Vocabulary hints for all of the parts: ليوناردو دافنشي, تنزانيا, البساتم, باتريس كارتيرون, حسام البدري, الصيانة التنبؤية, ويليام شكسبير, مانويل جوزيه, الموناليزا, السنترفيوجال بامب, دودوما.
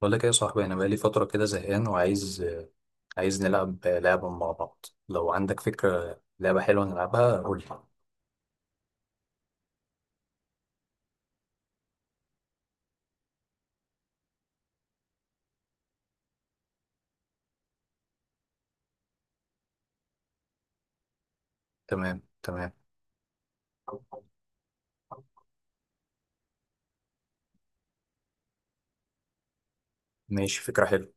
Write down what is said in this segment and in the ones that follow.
بقول لك ايه يا صاحبي، انا بقالي فتره كده زهقان وعايز نلعب لعبه مع بعض. لو عندك فكره لعبه حلوه نلعبها قول لي. تمام، تمام. ماشي، فكره حلوه.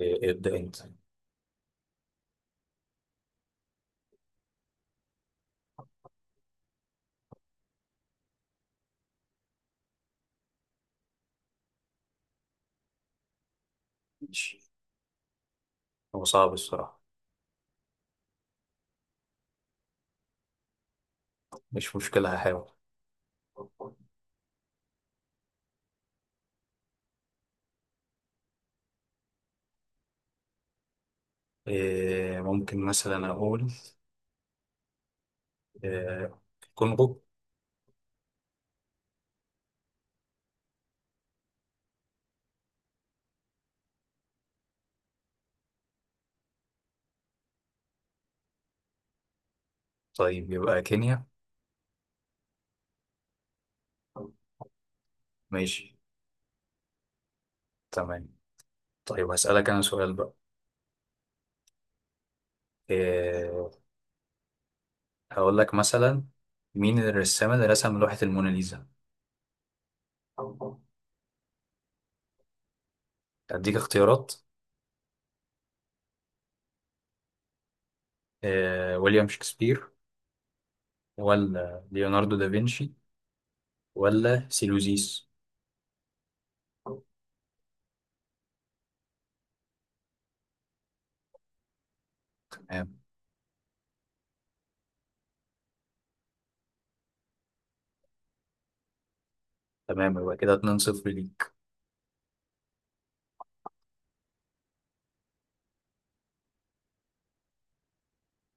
إيه، ابدا انت. ماشي. هو صعب الصراحه. مش مشكله، هحاول. إيه، ممكن مثلا اقول، إيه، كونغو. طيب يبقى كينيا. ماشي. تمام. طيب هسألك انا سؤال بقى. إيه، هقول لك مثلا، مين الرسام اللي رسم لوحة الموناليزا؟ أديك اختيارات. ويليام شكسبير، ولا ليوناردو دافنشي، ولا سيلوزيس. تمام. تمام، يبقى كده 2-0 ليك.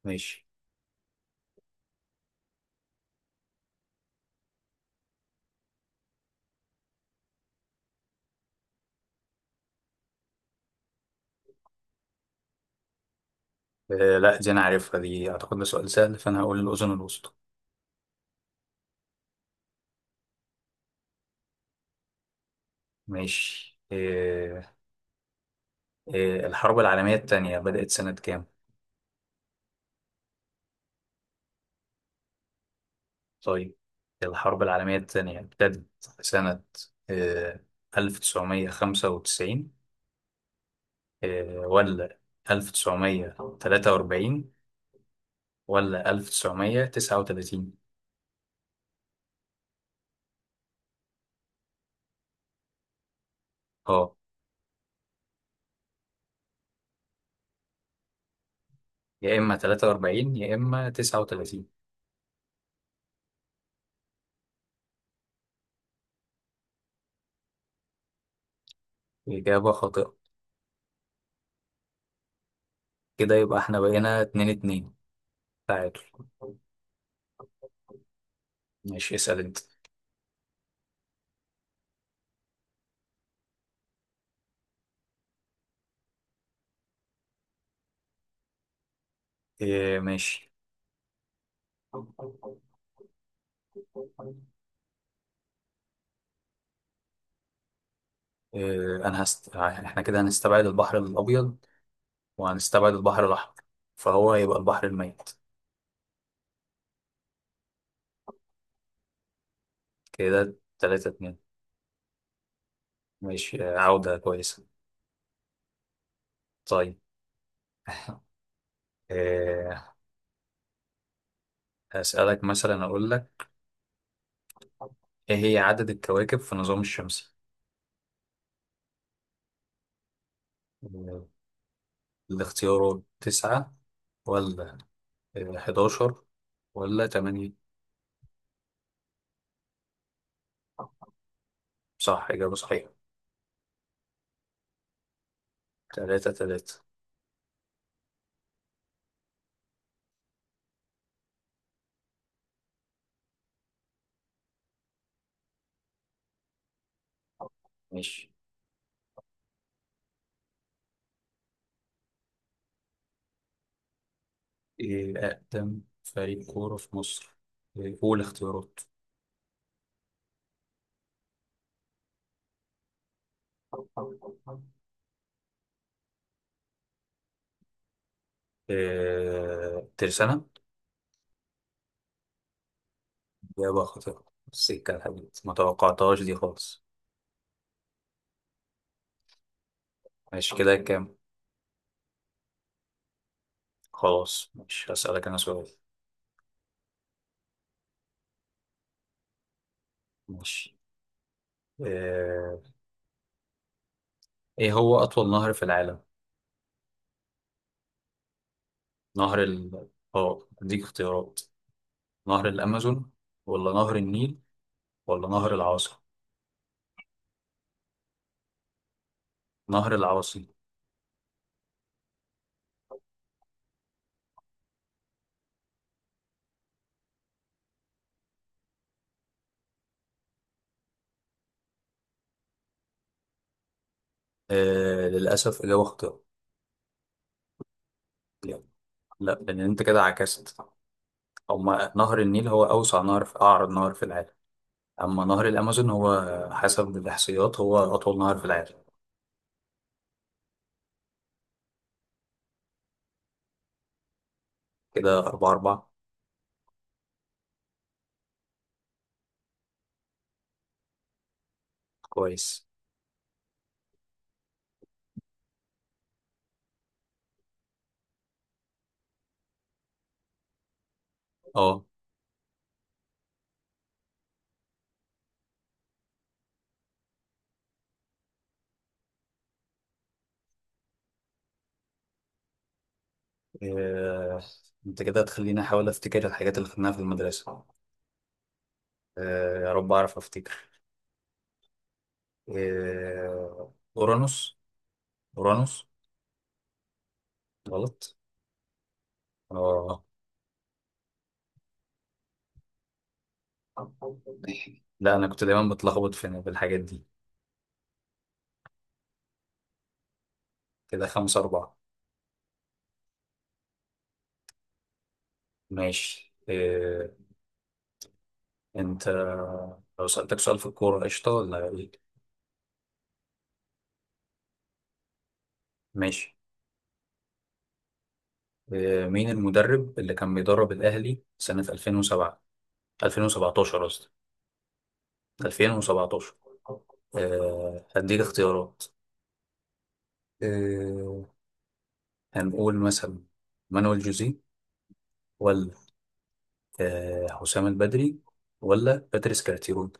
ماشي. آه لا، دي انا عارفها، دي اعتقد ده سؤال سهل، فانا هقول الاذن الوسطى. ماشي. آه. الحرب العالمية الثانية بدأت سنة كام؟ طيب، الحرب العالمية الثانية ابتدت سنة، آه 1995، آه، ولا 1943، ولا 1939. اه. يا إما 43، يا إما 39. إجابة خاطئة. كده يبقى إحنا بقينا 2-2. تعادل. ماشي، اسأل أنت. إيه، ماشي. إيه، إحنا كده هنستبعد البحر الأبيض، وهنستبعد البحر الأحمر، فهو هيبقى البحر الميت. كده 3-2. ماشي. عودة كويسة. طيب، إيه، هسألك مثلا، أقول لك، إيه هي عدد الكواكب في النظام الشمسي؟ آه، الاختيارات 9، ولا 11، ولا 8. صح، إجابة صحيحة. 3-3. ماشي. إيه أقدم فريق كورة في مصر؟ إيه، قول اختيارات. إيه، ترسانة. إجابة خاطئة. السكة الحديد ما توقعتهاش دي خالص. ماشي، كده كام؟ خلاص، مش هسألك أنا سؤال. ماشي. إيه إيه هو أطول نهر في العالم؟ نهر ال آه أديك اختيارات. نهر الأمازون، ولا نهر النيل، ولا نهر العاصي؟ نهر العاصي. إيه، للأسف إجابة خاطئة. لا، لان انت كده عكست. هما نهر النيل هو اوسع نهر في، اعرض نهر في العالم. اما نهر الامازون هو، حسب الاحصائيات، هو اطول نهر في العالم. كده 4-4. كويس. اه. إيه، انت كده هتخليني احاول افتكر الحاجات اللي خدناها في المدرسة. إيه، يا رب اعرف افتكر. إيه، اورانوس، اورانوس. غلط. اه. لا، انا كنت دايما بتلخبط بالحاجات دي. كده 5-4. ماشي، إيه، انت، لو سألتك سؤال في الكورة قشطة ولا ايه؟ ماشي. مين المدرب اللي كان بيدرب الأهلي سنة 2007، 2017 قصدي، 2017. هديك اختيارات. آه، هنقول مثلا مانويل جوزيه، ولا حسام البدري، ولا باتريس كارتيرون.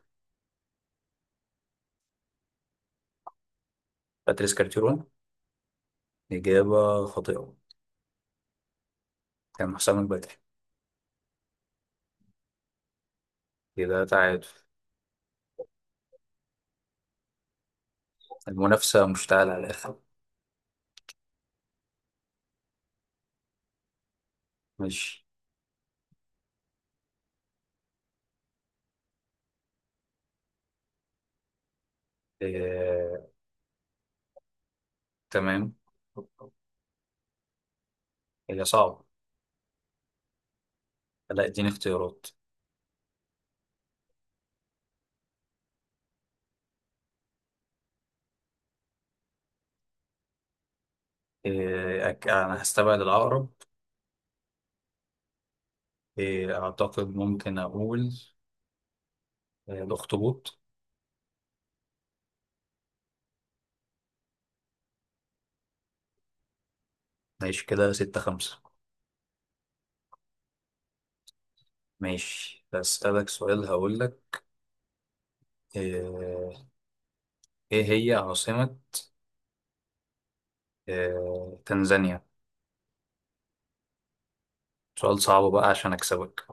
باتريس كارتيرون. إجابة خاطئة. كان حسام البدري. كده تعادل. المنافسة مشتعلة على الآخر. ماشي. آه، تمام. هي صعبة. لا، اديني اختيارات. إيه، أنا هستبعد العقرب. إيه، أعتقد ممكن أقول الأخطبوط. ماشي، كده 6-5. ماشي، هسألك سؤال، هقول لك، إيه... إيه هي عاصمة تنزانيا. سؤال صعب بقى عشان أكسبك.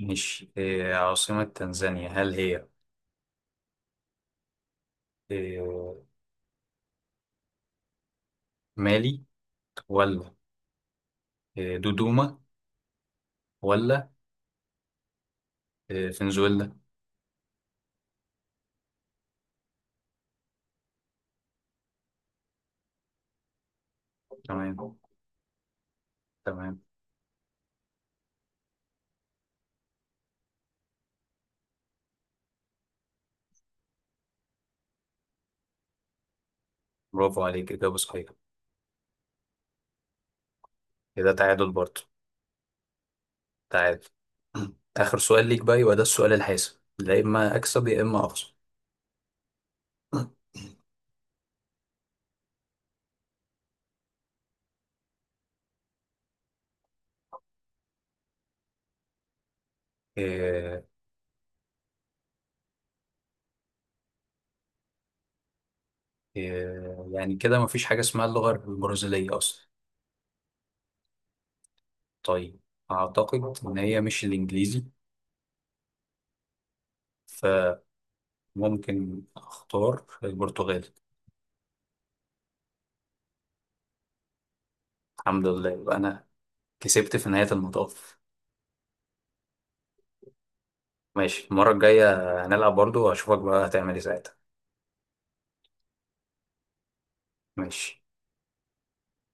ماشي، إيه عاصمة تنزانيا، هل هي إيه... مالي، ولا دودوما، ولا فنزويلا؟ تمام. تمام. برافو عليك، إجابة صحيحة. كده تعادل برضه. تعال. آخر سؤال ليك بقى، يبقى ده السؤال الحاسم، لا إما أكسب يا إما أخسر. إيه. إيه يعني كده، مفيش حاجة اسمها اللغة البرازيلية أصلا. طيب. أعتقد إن هي مش الإنجليزي، فممكن أختار البرتغالي. الحمد لله، يبقى أنا كسبت في نهاية المطاف. ماشي، المرة الجاية هنلعب برضو، وأشوفك بقى هتعمل إيه ساعتها. ماشي.